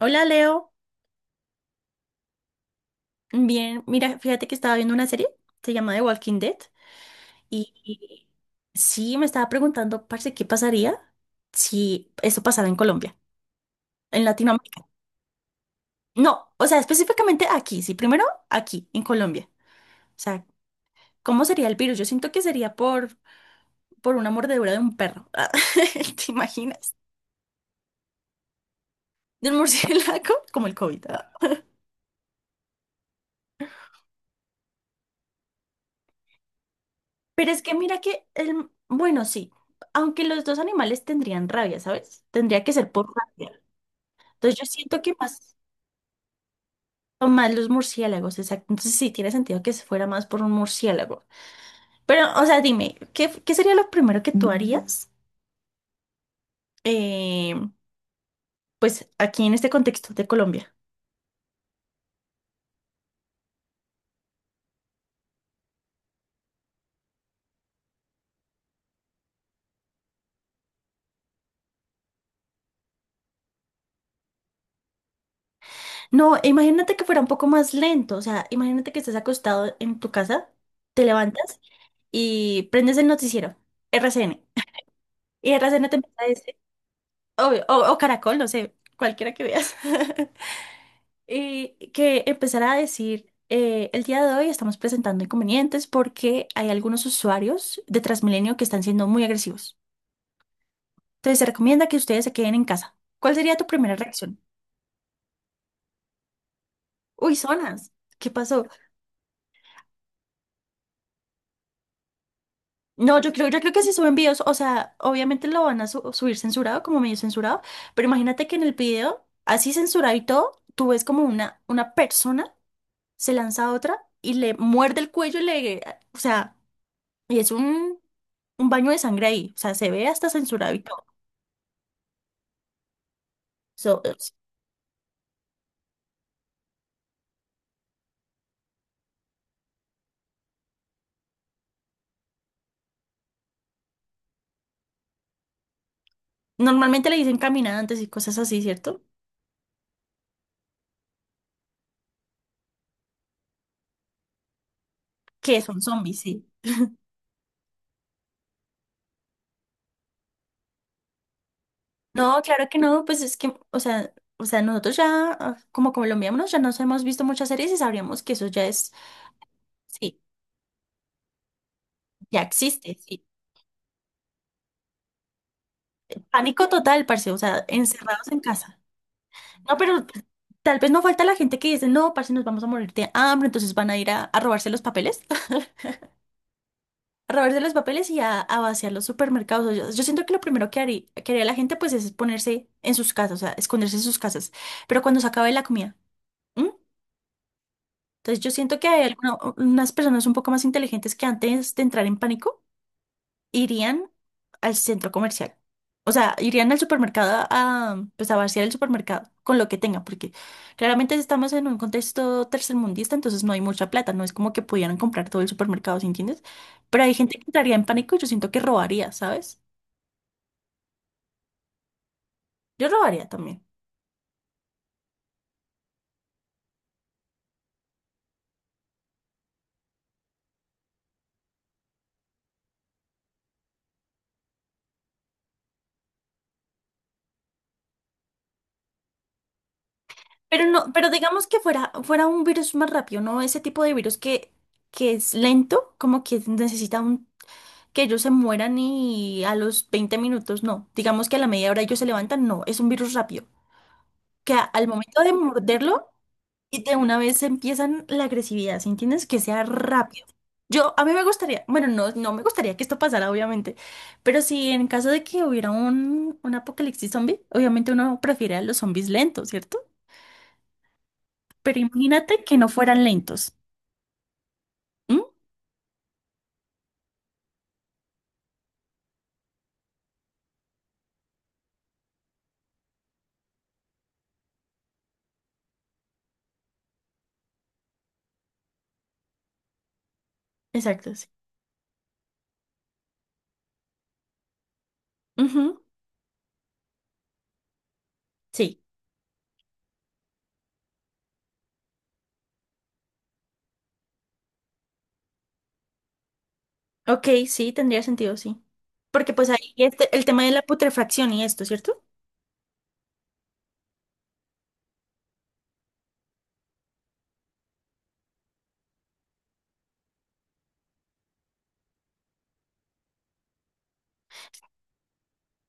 Hola, Leo, bien, mira, fíjate que estaba viendo una serie, se llama The Walking Dead, y sí me estaba preguntando, parce, ¿qué pasaría si esto pasara en Colombia, en Latinoamérica? No, o sea, específicamente aquí, sí, primero aquí, en Colombia. O sea, ¿cómo sería el virus? Yo siento que sería por una mordedura de un perro, ¿te imaginas? De un murciélago, como el COVID. Ah. Pero es que mira que, el, bueno, sí, aunque los dos animales tendrían rabia, ¿sabes? Tendría que ser por rabia. Entonces yo siento que más son más los murciélagos, exacto. Entonces sí tiene sentido que se fuera más por un murciélago. Pero, o sea, dime, ¿qué sería lo primero que tú harías? eh, pues aquí en este contexto de Colombia. No, imagínate que fuera un poco más lento. O sea, imagínate que estés acostado en tu casa, te levantas y prendes el noticiero, RCN. Y RCN te empieza a decir, obvio, o Caracol, no sé, cualquiera que veas. Que empezara a decir, el día de hoy estamos presentando inconvenientes porque hay algunos usuarios de Transmilenio que están siendo muy agresivos. Entonces se recomienda que ustedes se queden en casa. ¿Cuál sería tu primera reacción? Uy, zonas. ¿Qué pasó? No, yo creo que si suben videos, o sea, obviamente lo van a subir censurado, como medio censurado, pero imagínate que en el video, así censurado y todo, tú ves como una persona se lanza a otra y le muerde el cuello y le, o sea, y es un baño de sangre ahí. O sea, se ve hasta censurado y todo. So, normalmente le dicen caminantes y cosas así, ¿cierto? Que son zombies, sí. No, claro que no, pues es que, o sea, nosotros ya, ah, como colombianos, ya nos hemos visto muchas series y sabríamos que eso ya es, sí, ya existe, sí. Pánico total, parce, o sea, encerrados en casa. No, pero tal vez no falta la gente que dice, no, parce, nos vamos a morir de hambre, entonces van a ir a robarse los papeles. A robarse los papeles y a vaciar los supermercados. O yo siento que lo primero que haría la gente pues es ponerse en sus casas, o sea, esconderse en sus casas, pero cuando se acabe la comida. ¿M? Entonces yo siento que hay unas personas un poco más inteligentes que antes de entrar en pánico irían al centro comercial. O sea, irían al supermercado a, pues a vaciar el supermercado con lo que tengan, porque claramente estamos en un contexto tercermundista, entonces no hay mucha plata, no es como que pudieran comprar todo el supermercado, ¿sí entiendes? Pero hay gente que entraría en pánico y yo siento que robaría, ¿sabes? Yo robaría también. Pero no, pero digamos que fuera un virus más rápido, ¿no? Ese tipo de virus que es lento, como que necesita un que ellos se mueran y a los 20 minutos no. Digamos que a la media hora ellos se levantan, no, es un virus rápido. Que al momento de morderlo, y de una vez empiezan la agresividad, ¿sí entiendes? Que sea rápido. Yo, a mí me gustaría, bueno, no, no me gustaría que esto pasara, obviamente, pero si en caso de que hubiera un apocalipsis zombie, obviamente uno prefiere a los zombies lentos, ¿cierto? Pero imagínate que no fueran lentos. ¿M? Exacto, sí. Ujú, sí. Ok, sí, tendría sentido, sí. Porque pues ahí este, el tema de la putrefacción y esto, ¿cierto?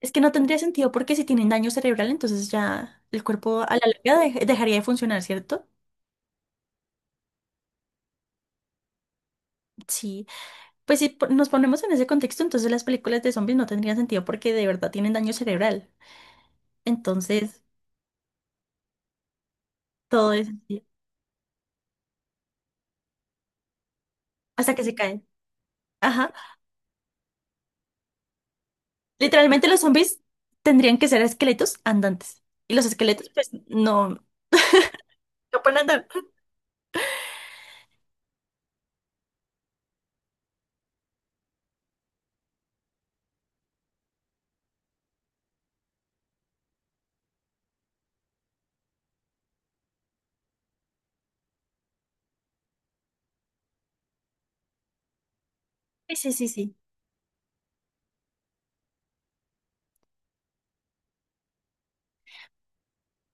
Es que no tendría sentido porque si tienen daño cerebral, entonces ya el cuerpo a la larga dejaría de funcionar, ¿cierto? Sí. Pues si nos ponemos en ese contexto, entonces las películas de zombies no tendrían sentido porque de verdad tienen daño cerebral. Entonces, todo es así, hasta que se caen. Ajá. Literalmente los zombies tendrían que ser esqueletos andantes. Y los esqueletos, pues, no, no pueden andar. Sí, sí, sí, sí.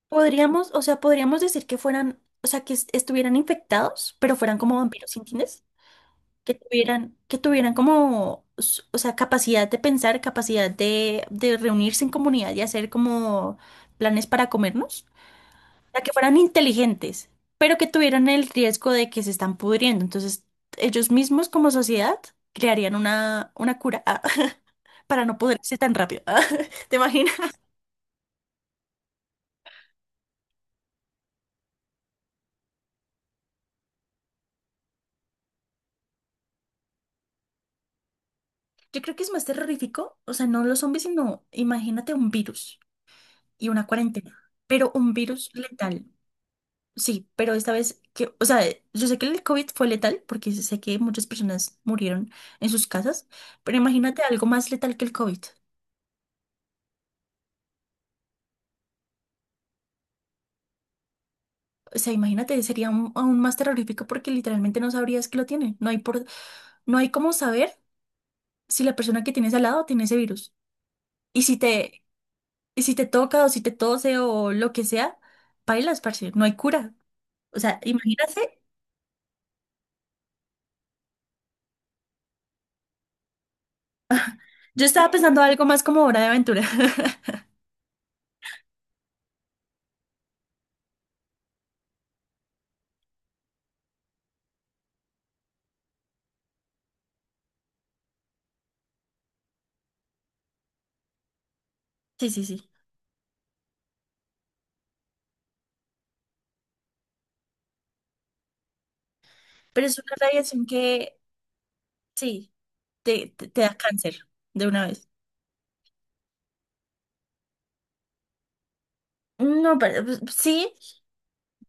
Podríamos, o sea, podríamos decir que fueran, o sea, que estuvieran infectados, pero fueran como vampiros, ¿sí entiendes? Que tuvieran como, s- o sea, capacidad de pensar, capacidad de reunirse en comunidad y hacer como planes para comernos. O sea, que fueran inteligentes, pero que tuvieran el riesgo de que se están pudriendo. Entonces, ellos mismos como sociedad crearían una cura, ah, para no pudrirse tan rápido. ¿Te imaginas? Yo creo que es más terrorífico, o sea, no los zombies, sino imagínate un virus. Y una cuarentena, pero un virus letal. Sí, pero esta vez que, o sea, yo sé que el COVID fue letal porque sé que muchas personas murieron en sus casas, pero imagínate algo más letal que el COVID. O sea, imagínate, sería aún aún más terrorífico porque literalmente no sabrías que lo tiene. No hay por, no hay cómo saber si la persona que tienes al lado tiene ese virus. Y si te, y si te toca o si te tose o lo que sea, pailas, parce, no hay cura. O sea, imagínate, yo estaba pensando algo más como hora de aventura. Sí, sí, sí. Pero es una radiación que, sí, te da cáncer de una vez. No, pero pues, sí,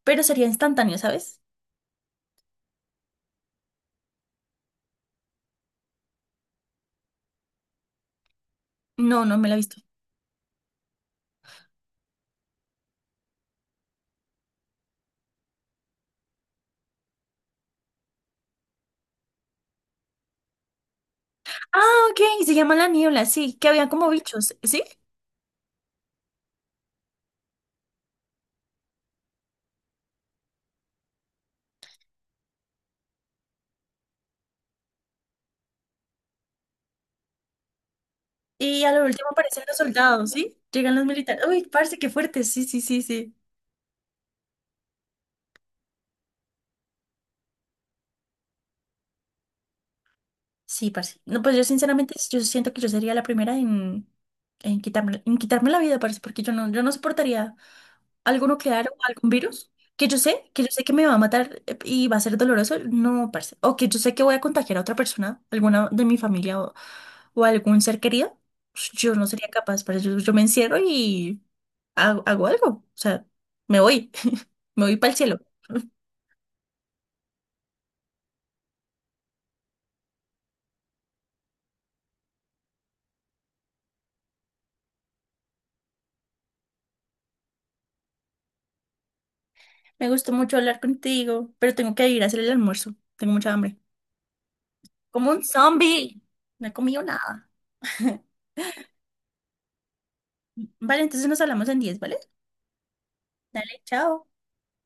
pero sería instantáneo, ¿sabes? No, no me la he visto. Ah, ok, se llama La Niebla, sí, que había como bichos, ¿sí? Y a lo último aparecen los soldados, ¿sí? Llegan los militares. Uy, parce, qué fuerte, sí, sí, sí, sí. Sí, parce. No, pues yo sinceramente, yo siento que yo sería la primera en, en quitarme la vida, parce, porque yo no, yo no soportaría. Alguno quedaron, algún virus, que yo sé que me va a matar, y va a ser doloroso, no, parce. O que yo sé que voy a contagiar a otra persona, alguna de mi familia o algún ser querido, pues, yo no sería capaz, parce. Yo me encierro y hago, hago algo, o sea, me voy, me voy para el cielo. Me gustó mucho hablar contigo, pero tengo que ir a hacer el almuerzo, tengo mucha hambre. Como un zombie, no he comido nada. Vale, entonces nos hablamos en 10, ¿vale? Dale, chao.